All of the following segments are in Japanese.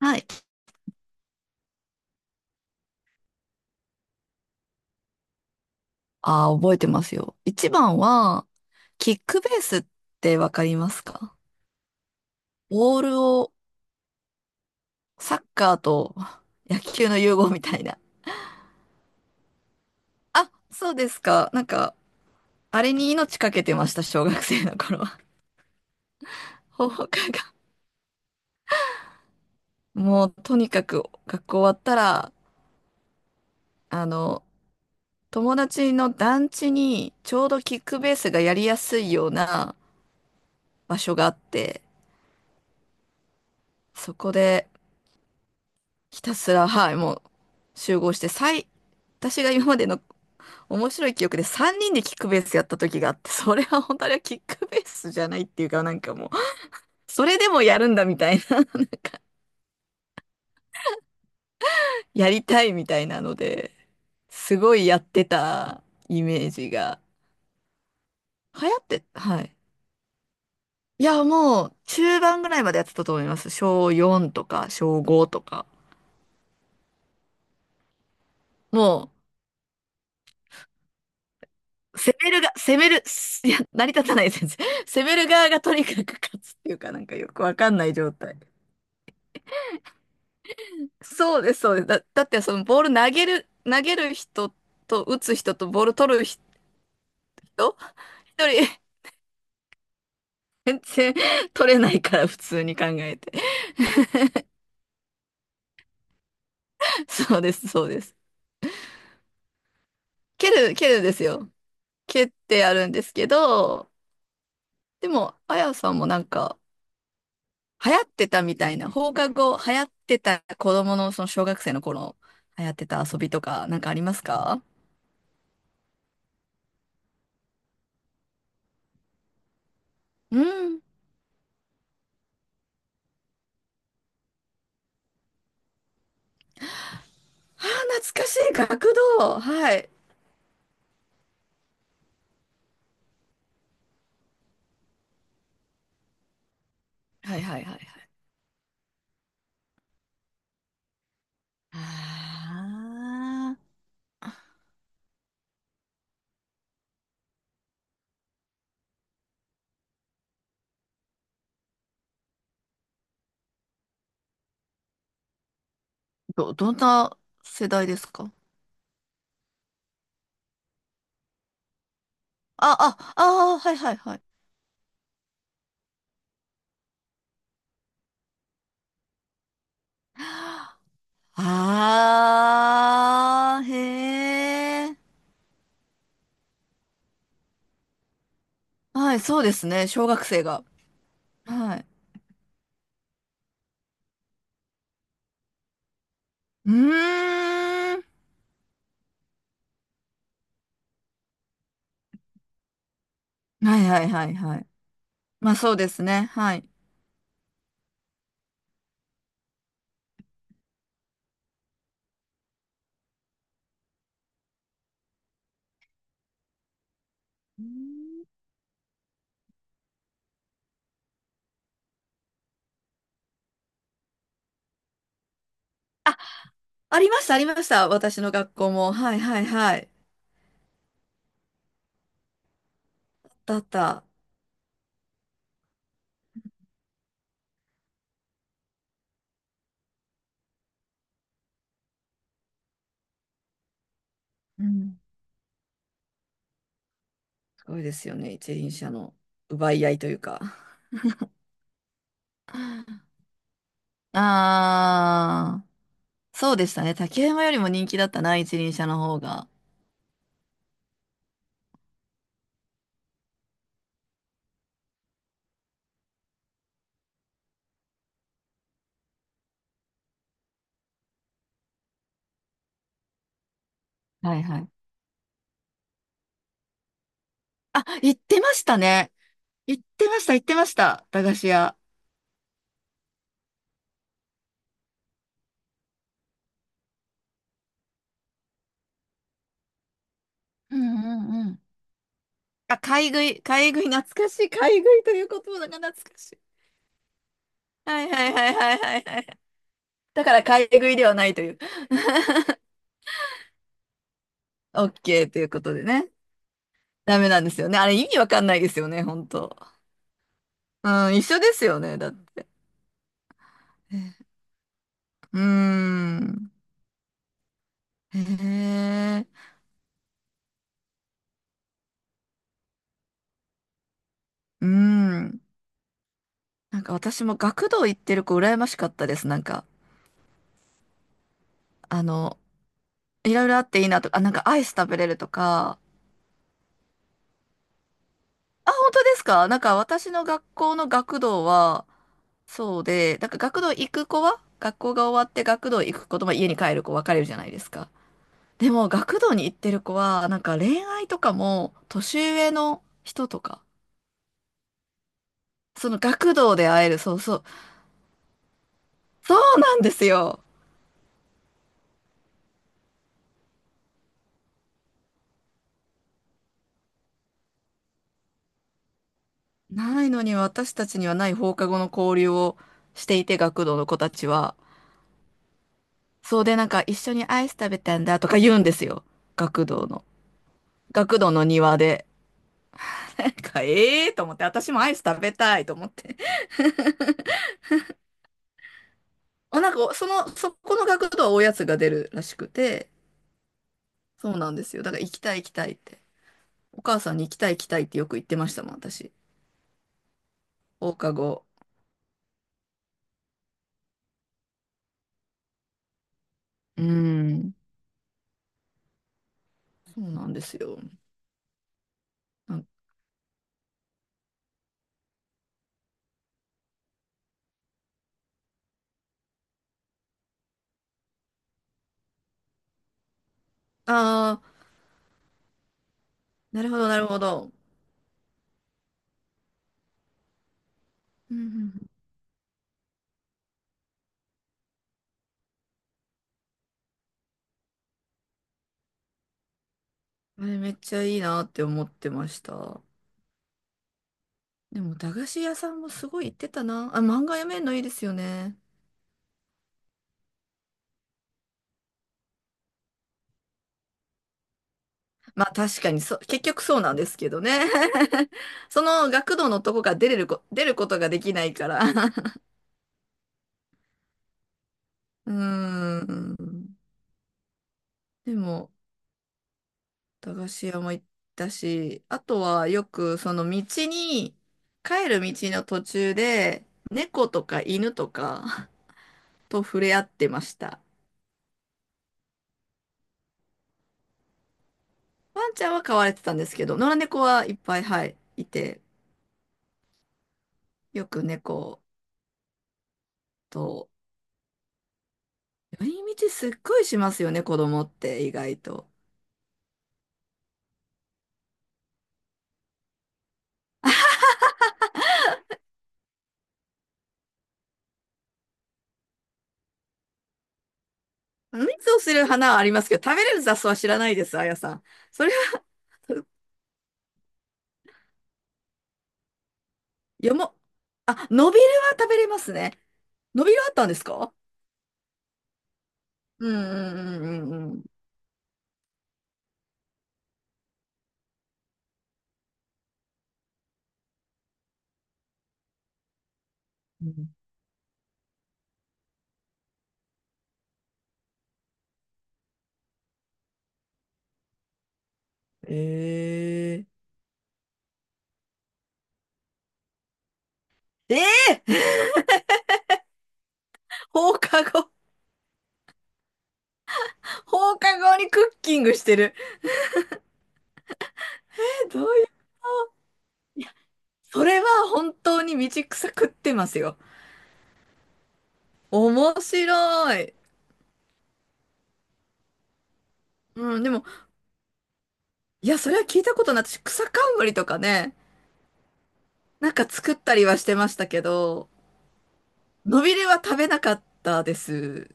はい。ああ、覚えてますよ。一番はキックベースってわかりますか？ボールを、サッカーと野球の融合みたいな。あ、そうですか。なんか、あれに命かけてました、小学生の頃は。放課が。もう、とにかく、学校終わったら、あの、友達の団地に、ちょうどキックベースがやりやすいような場所があって、そこで、ひたすら、はい、もう集合して、最、私が今までの面白い記憶で3人でキックベースやった時があって、それは本当にあれはキックベースじゃないっていうか、なんかもう、それでもやるんだみたいな、やりたいみたいなので、すごいやってたイメージが。流行って、はい。いや、もう中盤ぐらいまでやってたと思います。小4とか小5とか。もう攻めるが、攻める、いや、成り立たない先生。攻める側がとにかく勝つっていうか、なんかよくわかんない状態。そうです、そうです。だ、だってそのボール投げる、投げる人と打つ人とボール取る人、一人全然取れないから普通に考えて。そうです、そうです。蹴る、蹴るですよ。蹴ってやるんですけど、でも、あやさんもなんか、流行ってたみたいな、放課後流行ってた子供のその小学生の頃流行ってた遊びとかなんかありますか？うん。ああ、懐かしい。学童。はい。はいはいはいはい。ああ、ど、どんな世代ですか？あ、あ、ああ、はいはいはい。ああ、へえ。はい、そうですね。小学生が。はい。うーん。はいはいはいはい。まあそうですね。はい。ありました、ありました。私の学校も。はいはいはい。だった。うん。すごいですよね。一輪車の奪い合いというか。ああ、そうでしたね。竹山よりも人気だったな、一輪車の方が。はいはい。あ、行ってましたね。行ってました、行ってました。駄菓子屋。うんうんうん。あ、買い食い、買い食い、懐かしい。買い食いという言葉が懐かしい。はいはいはいはいはいはい。だから買い食いではないという。OK ということでね。ダメなんですよね。あれ意味わかんないですよね、本当。うん、一緒ですよね、だって。うーん。へえ。うん。なんか私も学童行ってる子羨ましかったです。なんか、あの、いろいろあっていいなとか、あ、なんかアイス食べれるとか。あ、本当ですか？なんか私の学校の学童は、そうで、なんか学童行く子は、学校が終わって学童行く子とまあ家に帰る子分かれるじゃないですか。でも学童に行ってる子は、なんか恋愛とかも年上の人とか、その学童で会える、そうそう、そうなんですよ。ないのに私たちにはない放課後の交流をしていて、学童の子たちは。そうで、なんか一緒にアイス食べたんだとか言うんですよ。学童の。学童の庭で。なんか、ええー、と思って、私もアイス食べたいと思って。あ、なんか、その、そこの学童はおやつが出るらしくて、そうなんですよ。だから行きたい行きたいって。お母さんに行きたい行きたいってよく言ってましたもん、私。放課後。うん。そうなんですよ。ああー、なるほど、なるほど。うんうんうん、あれめっちゃいいなって思ってました。でも、駄菓子屋さんもすごい行ってたな。あ、漫画読めるのいいですよね。まあ確かにそう、結局そうなんですけどね。その学童のとこから出れるこ、出ることができないから。うーん。でも、駄菓子屋も行ったし、あとはよくその道に、帰る道の途中で、猫とか犬とか と触れ合ってました。ワンちゃんは飼われてたんですけど、野良猫はいっぱい、はい、いて、よく猫と、寄り道すっごいしますよね、子供って意外と。蜜をする花はありますけど、食べれる雑草は知らないです、あやさん。それは、よも、あ、ノビルは食べれますね。ノビルあったんですか？うんうんうんうんうん。ええええ、放課後、放課後にクッキングしてる。どういう、それは本当に道草食ってますよ。面白い。うん、でも、いや、それは聞いたことない。私、草冠とかね、なんか作ったりはしてましたけど、のびれは食べなかったです。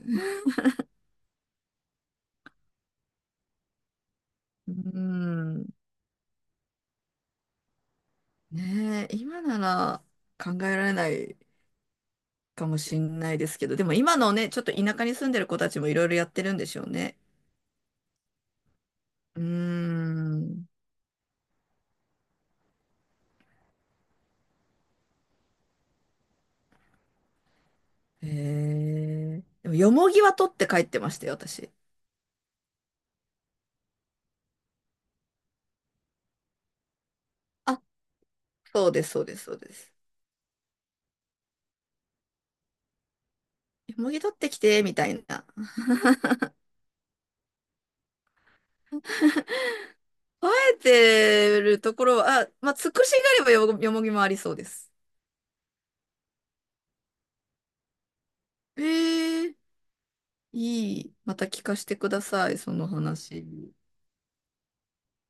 うん、ねえ、今なら考えられないかもしんないですけど、でも今のね、ちょっと田舎に住んでる子たちもいろいろやってるんでしょうね。うーん。へえ。でも、よもぎは取って帰ってましたよ、私。あ、そうです、そうです、そうです。よもぎ取ってきて、みたいな。生えてるところは、あ、まあ、つくしがあればよ、よもぎもありそうです。へえ、いい。また聞かせてください、その話。